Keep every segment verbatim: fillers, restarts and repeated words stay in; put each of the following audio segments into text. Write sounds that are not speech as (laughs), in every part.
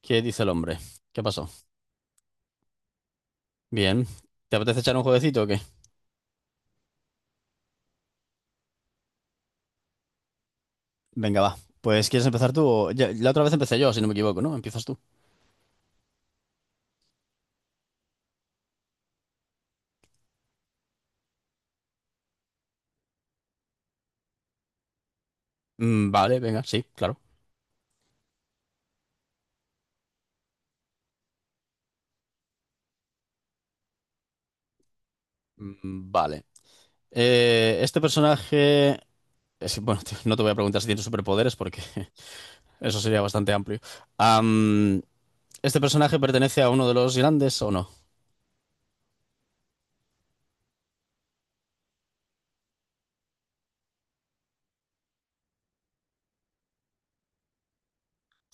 ¿Qué dice el hombre? ¿Qué pasó? Bien. ¿Te apetece echar un jueguecito o qué? Venga, va. Pues ¿quieres empezar tú? O- ya- la otra vez empecé yo, si no me equivoco, ¿no? Empiezas tú. Mm, vale, venga, sí, claro. Mm, vale. Eh, este personaje... es- bueno, tío, no te voy a preguntar si tiene superpoderes porque (laughs) eso sería bastante amplio. Am, ¿Este personaje pertenece a uno de los grandes o no?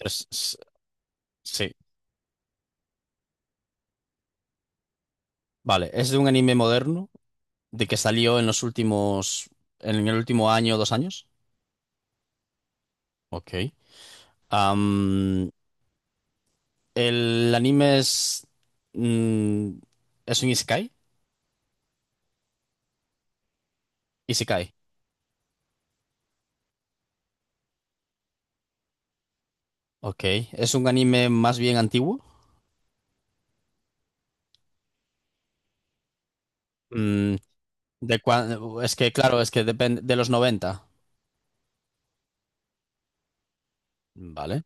Es- es- sí. Vale. ¿Es de un anime moderno? ¿De que salió en los últimos... en el último año o dos años? Ok. Am, El anime es. mm, ¿Es un isekai? Isekai. Ok. Es un anime más bien antiguo. Mm, de cua- es que, claro, es que depende de los noventa. Vale.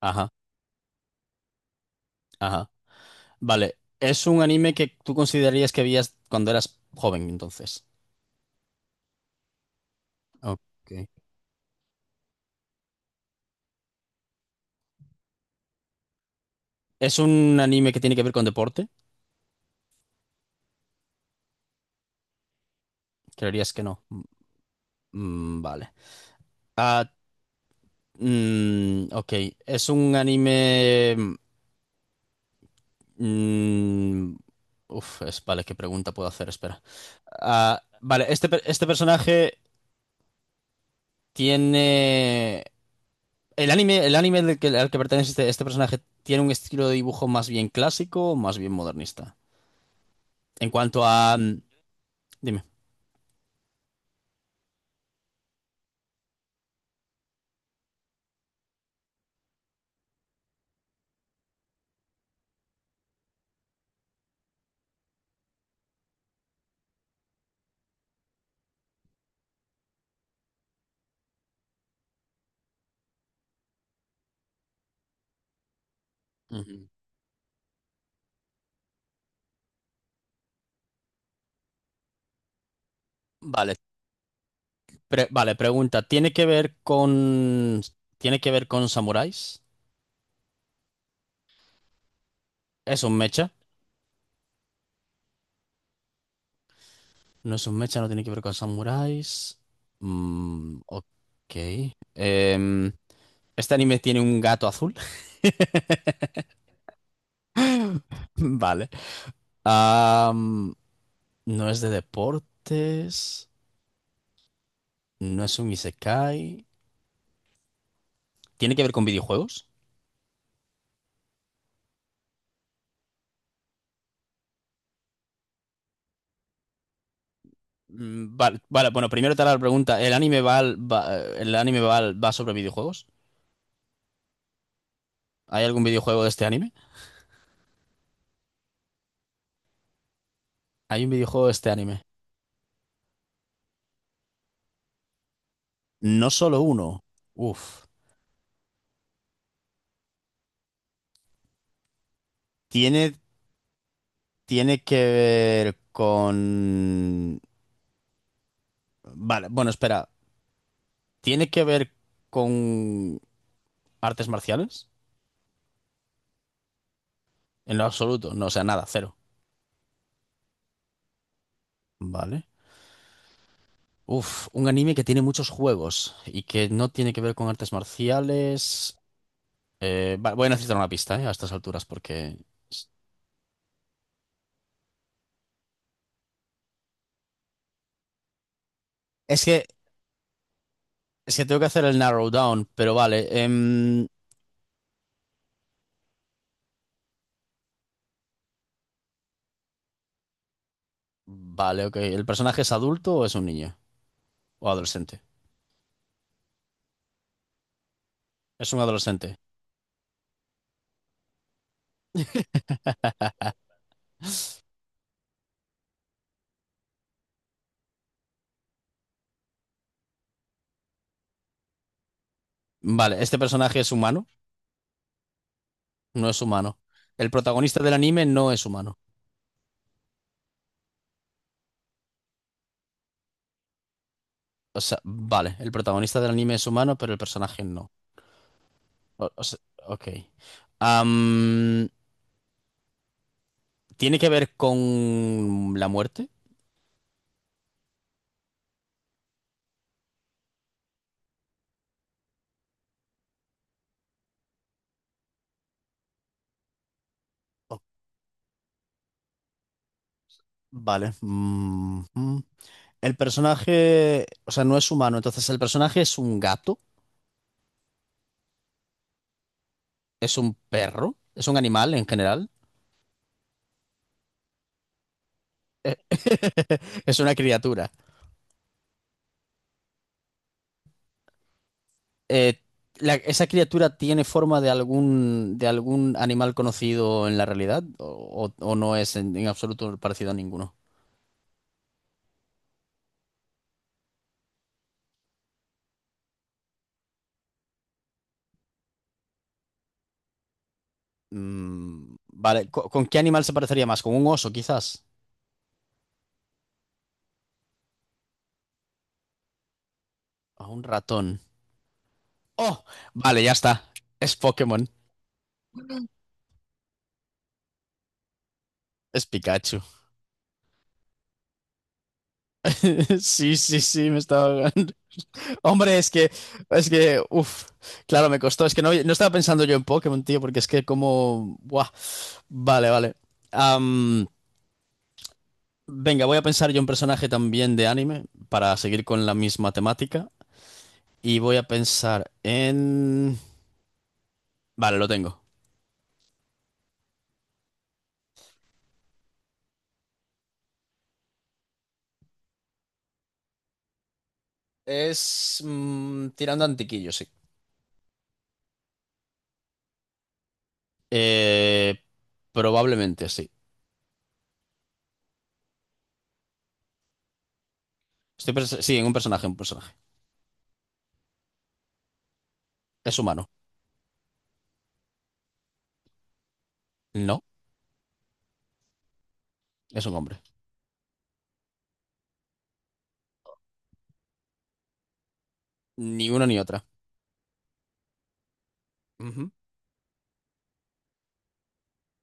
Ajá, ajá. Vale. Es un anime que tú considerarías que veías cuando eras joven, entonces. Ok. ¿Es un anime que tiene que ver con deporte? Creerías que no. Mm, vale. Ah, mm, ok. ¿Es un anime. Mm, Uf, es, vale, ¿qué pregunta puedo hacer? Espera. Ah, vale, este, per- este personaje tiene... El anime, el anime del que- al que pertenece este, este personaje tiene un estilo de dibujo más bien clásico o más bien modernista. En cuanto a... mm, dime. Ujú. Vale, pre- vale, pregunta. ¿Tiene que ver con... ¿Tiene que ver con samuráis? ¿Es un mecha? No es un mecha, no tiene que ver con samuráis. Mm, ok. Em, Este anime tiene un gato azul. (laughs) Vale. Am, no es de deportes. No es un isekai. ¿Tiene que ver con videojuegos? Mm, vale, vale, bueno, primero te haré la pregunta. ¿El anime va, al- va- ¿el anime va, al- va sobre videojuegos? ¿Hay algún videojuego de este anime? Hay un videojuego de este anime. No solo uno. Uf. Tiene, tiene que ver con... Vale, bueno, espera. ¿Tiene que ver con artes marciales? En lo absoluto. No, o sea, nada, cero. Vale. Uf, un anime que tiene muchos juegos y que no tiene que ver con artes marciales. Eh, va- voy a necesitar una pista, eh, a estas alturas porque... Es que, es que tengo que hacer el narrow down, pero vale. Em, vale, ok. ¿El personaje es adulto o es un niño? ¿O adolescente? Es un adolescente. Vale, ¿este personaje es humano? No es humano. El protagonista del anime no es humano. O sea, vale, el protagonista del anime es humano, pero el personaje no. O- o sea, ok. Am, ¿Tiene que ver con la muerte? Oh, vale. Mm, mm. El personaje, o sea, no es humano, entonces el personaje es un gato, es un perro, es un animal en general, eh, (laughs) es una criatura. Eh, la- ¿esa criatura tiene forma de algún, de algún animal conocido en la realidad o, o- o no es en, en absoluto parecido a ninguno? Mm, vale, ¿co- ¿con qué animal se parecería más? ¿Con un oso, quizás? ¿A un ratón? Oh, vale, ya está. Es Pokémon. Es Pikachu. (laughs) Sí, sí, sí, me estaba ahogando. Hombre, es que, es que, uff, claro, me costó. Es que no, no estaba pensando yo en Pokémon, tío, porque es que como. Buah. Vale, vale. Am, Venga, voy a pensar yo un personaje también de anime para seguir con la misma temática. Y voy a pensar en. Vale, lo tengo. Es mm, tirando a antiquillo, sí. Eh, Probablemente sí. Estoy pens- sí, en un personaje, un personaje. Es humano. No, es un hombre. Ni una ni otra. Ujú.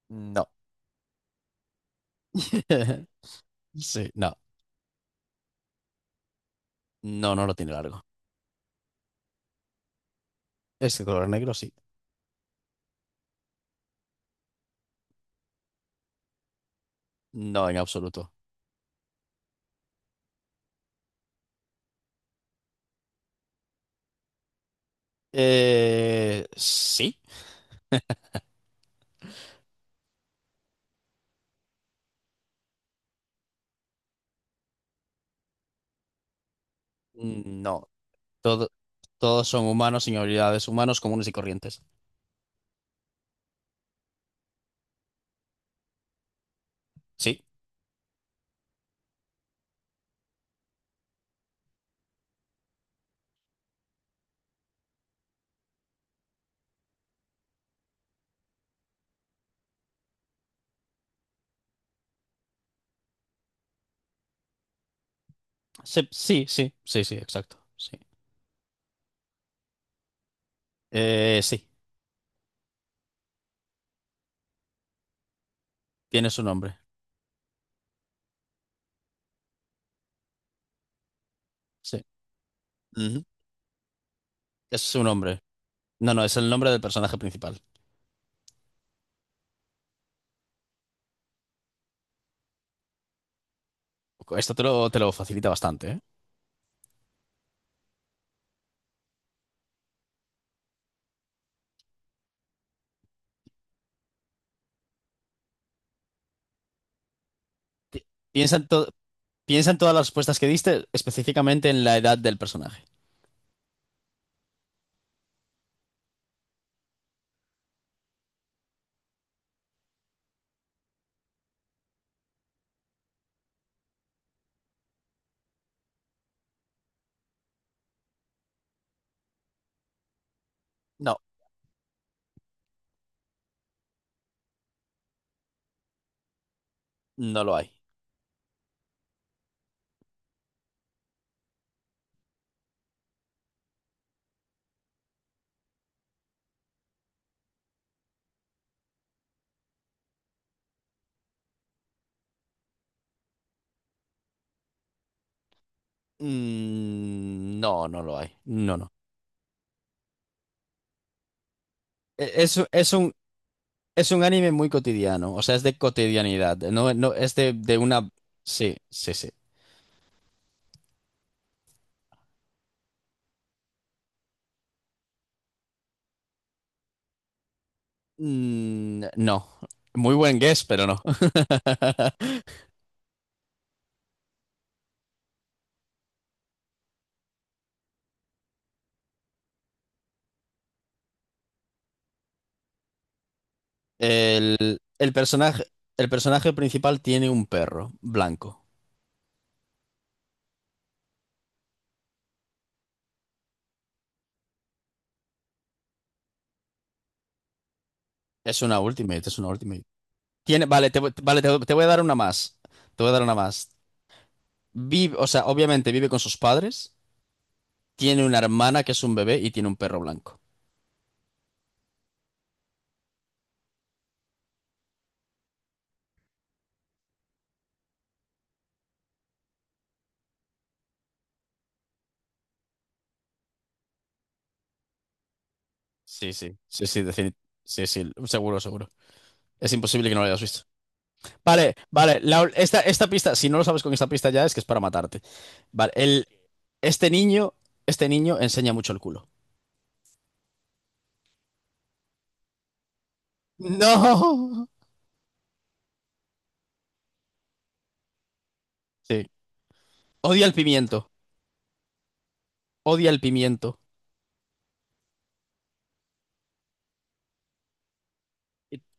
No. (laughs) Sí, no. No, no lo tiene largo. Es de color negro, sí. No, en absoluto. Eh, sí. No. Todo- todos son humanos sin habilidades, humanos comunes y corrientes. Sí. Sí, sí, sí, sí, sí, exacto. Sí. Eh, sí. Tiene su nombre. Sí. Ujú. Es su nombre. No, no, es el nombre del personaje principal. Esto te lo, te lo facilita bastante, ¿eh? Pi- Piensa en todo. Piensa en todas las respuestas que diste, específicamente en la edad del personaje. No, no lo hay. Mm, no, no lo hay. No, no. E- Es, es un, es un anime muy cotidiano, o sea, es de cotidianidad. No, no, es de, de una... Sí, sí, sí. Mm, no. Muy buen guess, pero no. (laughs) El, el personaje, el personaje principal tiene un perro blanco. Es una ultimate, es una ultimate. Tiene, vale, te, voy- vale, te, te voy a dar una más. Te voy a dar una más. Vive, o sea, obviamente vive con sus padres, tiene una hermana que es un bebé y tiene un perro blanco. Sí, sí, sí, sí, defini- sí, sí, seguro, seguro. Es imposible que no lo hayas visto. Vale, vale, la ol- esta, esta pista, si no lo sabes con esta pista ya es que es para matarte. Vale, el, este niño, este niño enseña mucho el culo. No. Sí, odia el pimiento, odia el pimiento.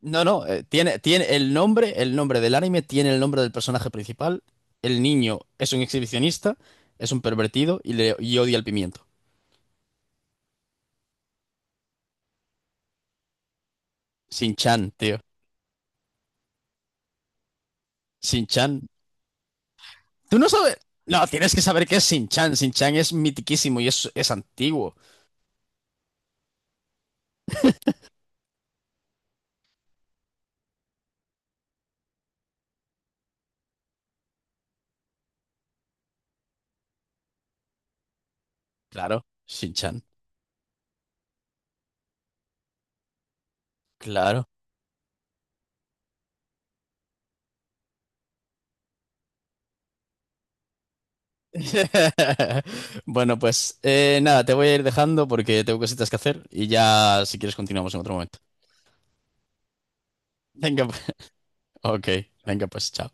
No, no, eh, tiene, tiene el nombre, el nombre del anime tiene el nombre del personaje principal. El niño es un exhibicionista, es un pervertido y, le, y odia el pimiento. Shin-chan, tío. Shin-chan. ¿Tú no sabes? No, tienes que saber qué es Shin-chan. Shin-chan es mitiquísimo y es, es antiguo. Claro, Shin-chan. Claro. (laughs) Bueno, pues eh, nada, te voy a ir dejando porque tengo cositas que hacer y ya si quieres continuamos en otro momento. Venga, pues, (laughs) ok, venga, pues chao.